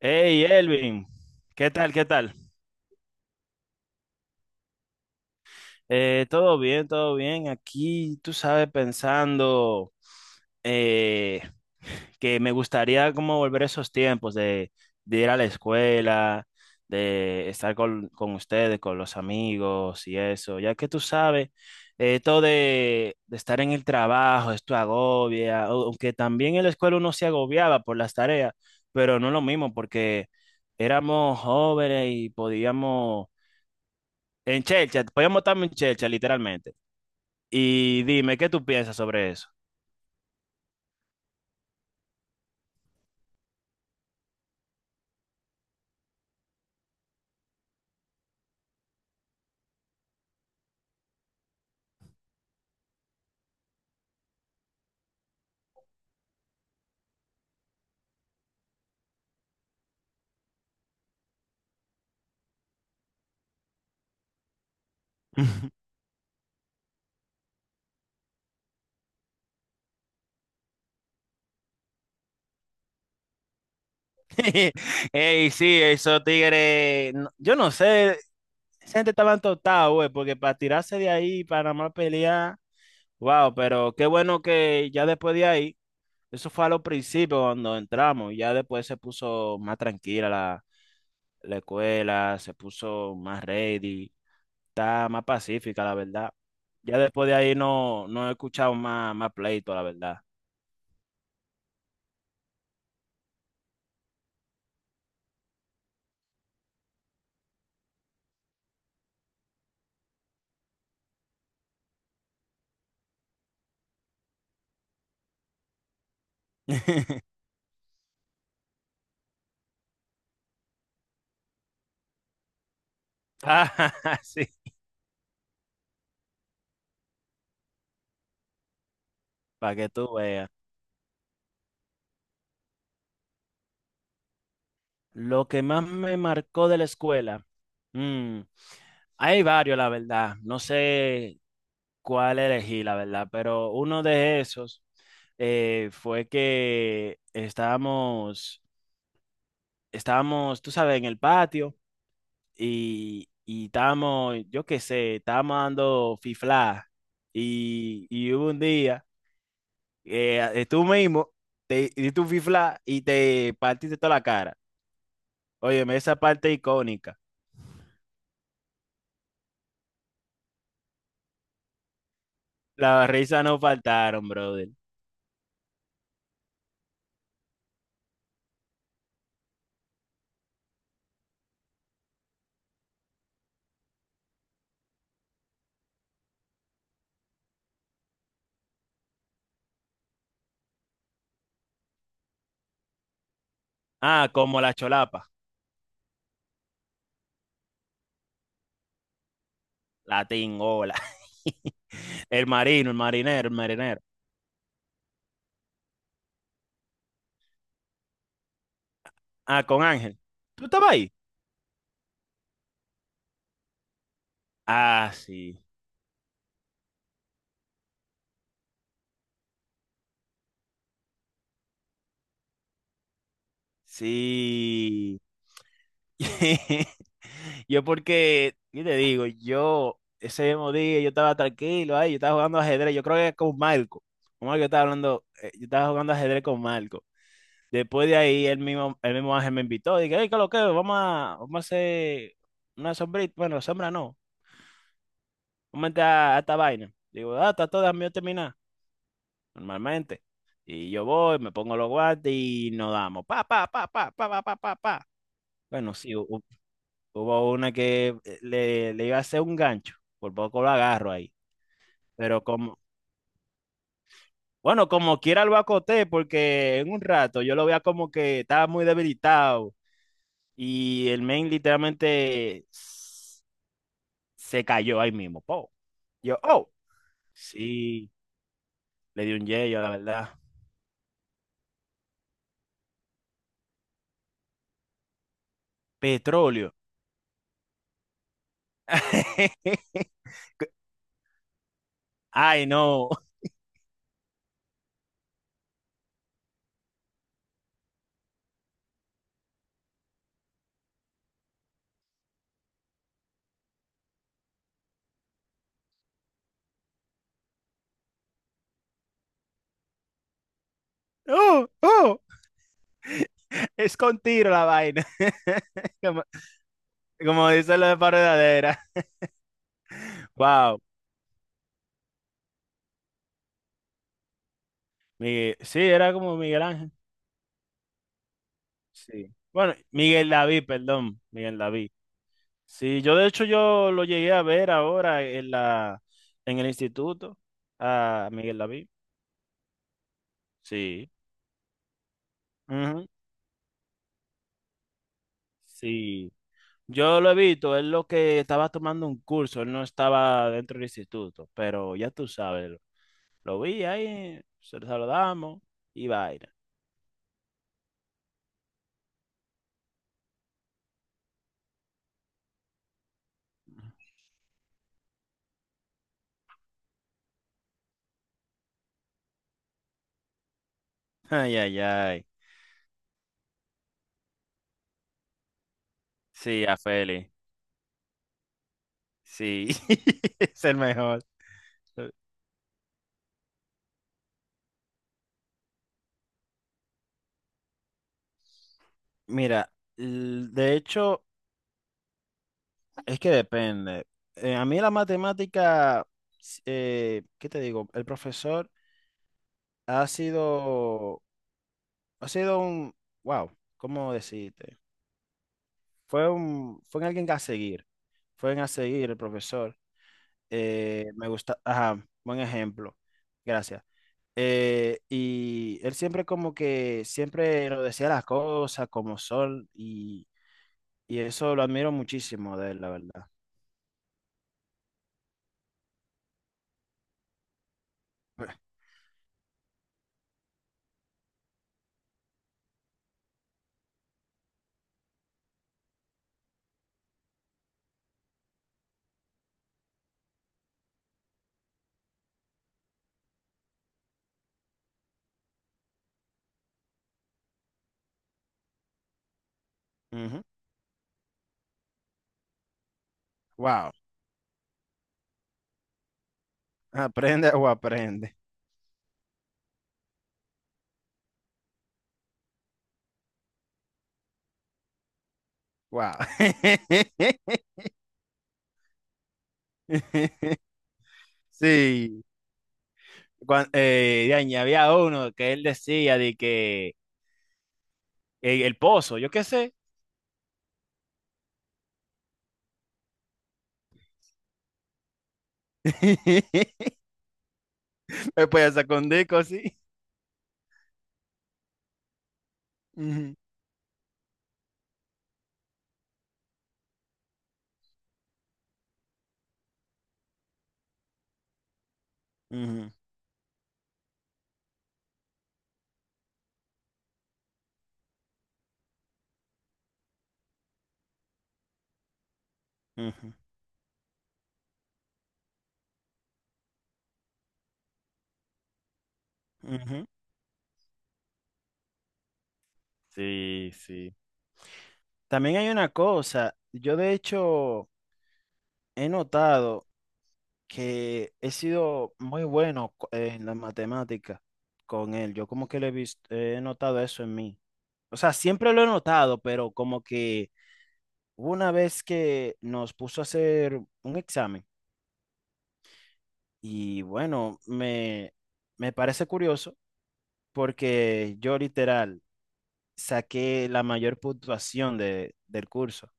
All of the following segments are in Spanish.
Hey, Elvin, ¿qué tal? ¿Qué tal? Todo bien, todo bien. Aquí, tú sabes, pensando eh, que me gustaría como volver a esos tiempos de ir a la escuela, de estar con ustedes, con los amigos y eso, ya que tú sabes, esto de estar en el trabajo, esto agobia, aunque también en la escuela uno se agobiaba por las tareas, pero no lo mismo porque éramos jóvenes y podíamos. En chelcha, voy a en chelcha, literalmente. Y dime, ¿qué tú piensas sobre eso? Ey, sí, esos tigres, yo no sé, esa gente estaba entortada, güey, porque para tirarse de ahí, para nada más pelear. Wow, pero qué bueno que ya después de ahí, eso fue a los principios cuando entramos, y ya después se puso más tranquila la escuela, se puso más ready, está más pacífica, la verdad. Ya después de ahí no, no he escuchado más pleito, la verdad. Ah, sí, para que tú veas. Lo que más me marcó de la escuela. mm, hay varios, la verdad. No sé cuál elegí, la verdad, pero uno de esos fue que estábamos, tú sabes, en el patio y estábamos, yo qué sé, estábamos dando fifla. Y hubo un día. Tú mismo te diste un fifla y te partiste toda la cara. Óyeme, esa parte icónica. Las risas no faltaron, brother. Ah, como la cholapa, la tingola. El marino, el marinero, el marinero. Ah, con Ángel. ¿Tú estabas ahí? Ah, sí. Sí. Yo porque, ¿qué te digo? Yo ese mismo día yo estaba tranquilo ahí, yo estaba jugando ajedrez, yo creo que con Marco. Con Marco yo estaba hablando, yo estaba jugando ajedrez con Marco. Después de ahí el mismo Ángel me invitó, dije, hey, ¿qué es lo que? Vamos a hacer una sombrita, bueno, sombra no, vamos a entrar a esta vaina. Digo, ah, está todo mío terminar, normalmente. Y yo voy, me pongo los guantes y nos damos, pa, pa, pa, pa, pa, pa, pa, pa, pa. Bueno, sí, hubo una que le iba a hacer un gancho, por poco lo agarro ahí. Pero como, bueno, como quiera lo acoté, porque en un rato yo lo veía como que estaba muy debilitado y el main literalmente se cayó ahí mismo. Po. Yo, oh, sí, le di un yello, la verdad. Petróleo. Ay, no. Oh, oh, es con tiro la vaina. Como, como dice la de paredadera. Wow. Miguel, sí, era como Miguel Ángel. Sí. Bueno, Miguel David, perdón, Miguel David. Sí, yo de hecho yo lo llegué a ver ahora en el instituto a Miguel David. Sí. Ujú. Sí. Yo lo he visto, él lo que estaba tomando un curso, él no estaba dentro del instituto, pero ya tú sabes, lo vi ahí, se lo saludamos y vaina. Ay, ay, ay. Sí, a Feli. Sí, es el mejor. Mira, de hecho, es que depende. A mí la matemática, ¿qué te digo? El profesor ha sido, ha sido un, wow, ¿cómo decirte? Fue alguien a seguir. Fue a seguir el profesor. Me gusta, ajá, buen ejemplo. Gracias. Y él siempre como que, siempre lo decía las cosas como son y eso lo admiro muchísimo de él, la verdad. Ujú. Wow. Aprende o aprende. Wow. Sí. De ahí había uno que él decía de que el pozo, yo qué sé. Después sacó un disco así. Ujú, ujú, ujú, ujú. Sí, sí. También hay una cosa, yo de hecho he notado que he sido muy bueno en la matemática con él. Yo como que lo he visto, he notado eso en mí. O sea, siempre lo he notado, pero como que hubo una vez que nos puso a hacer un examen y bueno, me parece curioso porque yo literal saqué la mayor puntuación del curso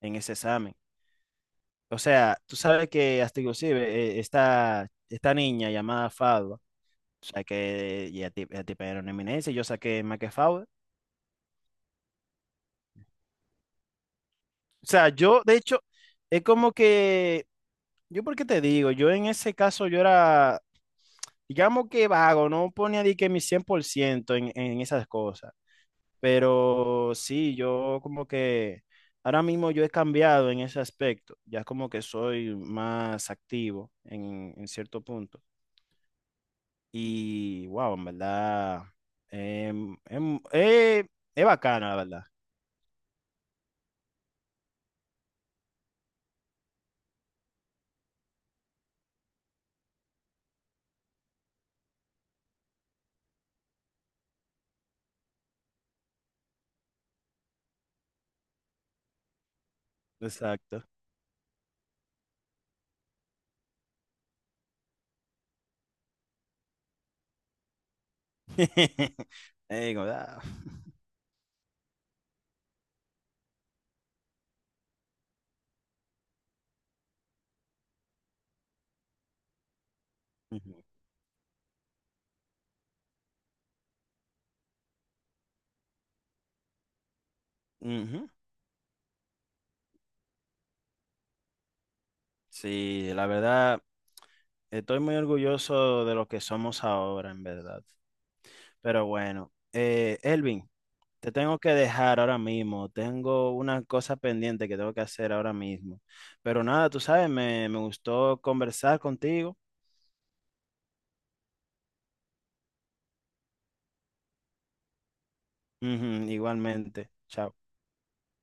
en ese examen. O sea, tú sabes que hasta inclusive esta niña llamada Fadwa. Saqué ya tipo era una eminencia, yo saqué Fowler. O sea, yo, de hecho, es como que, yo por qué te digo, yo en ese caso yo era, digamos que vago, no ponía de que mi 100% en esas cosas. Pero sí, yo como que ahora mismo yo he cambiado en ese aspecto, ya como que soy más activo en cierto punto. Y wow, en verdad, em, em, eh, es bacano, la verdad. Exacto. Ey, ah. Ujú, ujú. Sí, la verdad, estoy muy orgulloso de lo que somos ahora, en verdad. Pero bueno, Elvin, te tengo que dejar ahora mismo. Tengo una cosa pendiente que tengo que hacer ahora mismo. Pero nada, tú sabes, me gustó conversar contigo. Ujú, igualmente. Chao.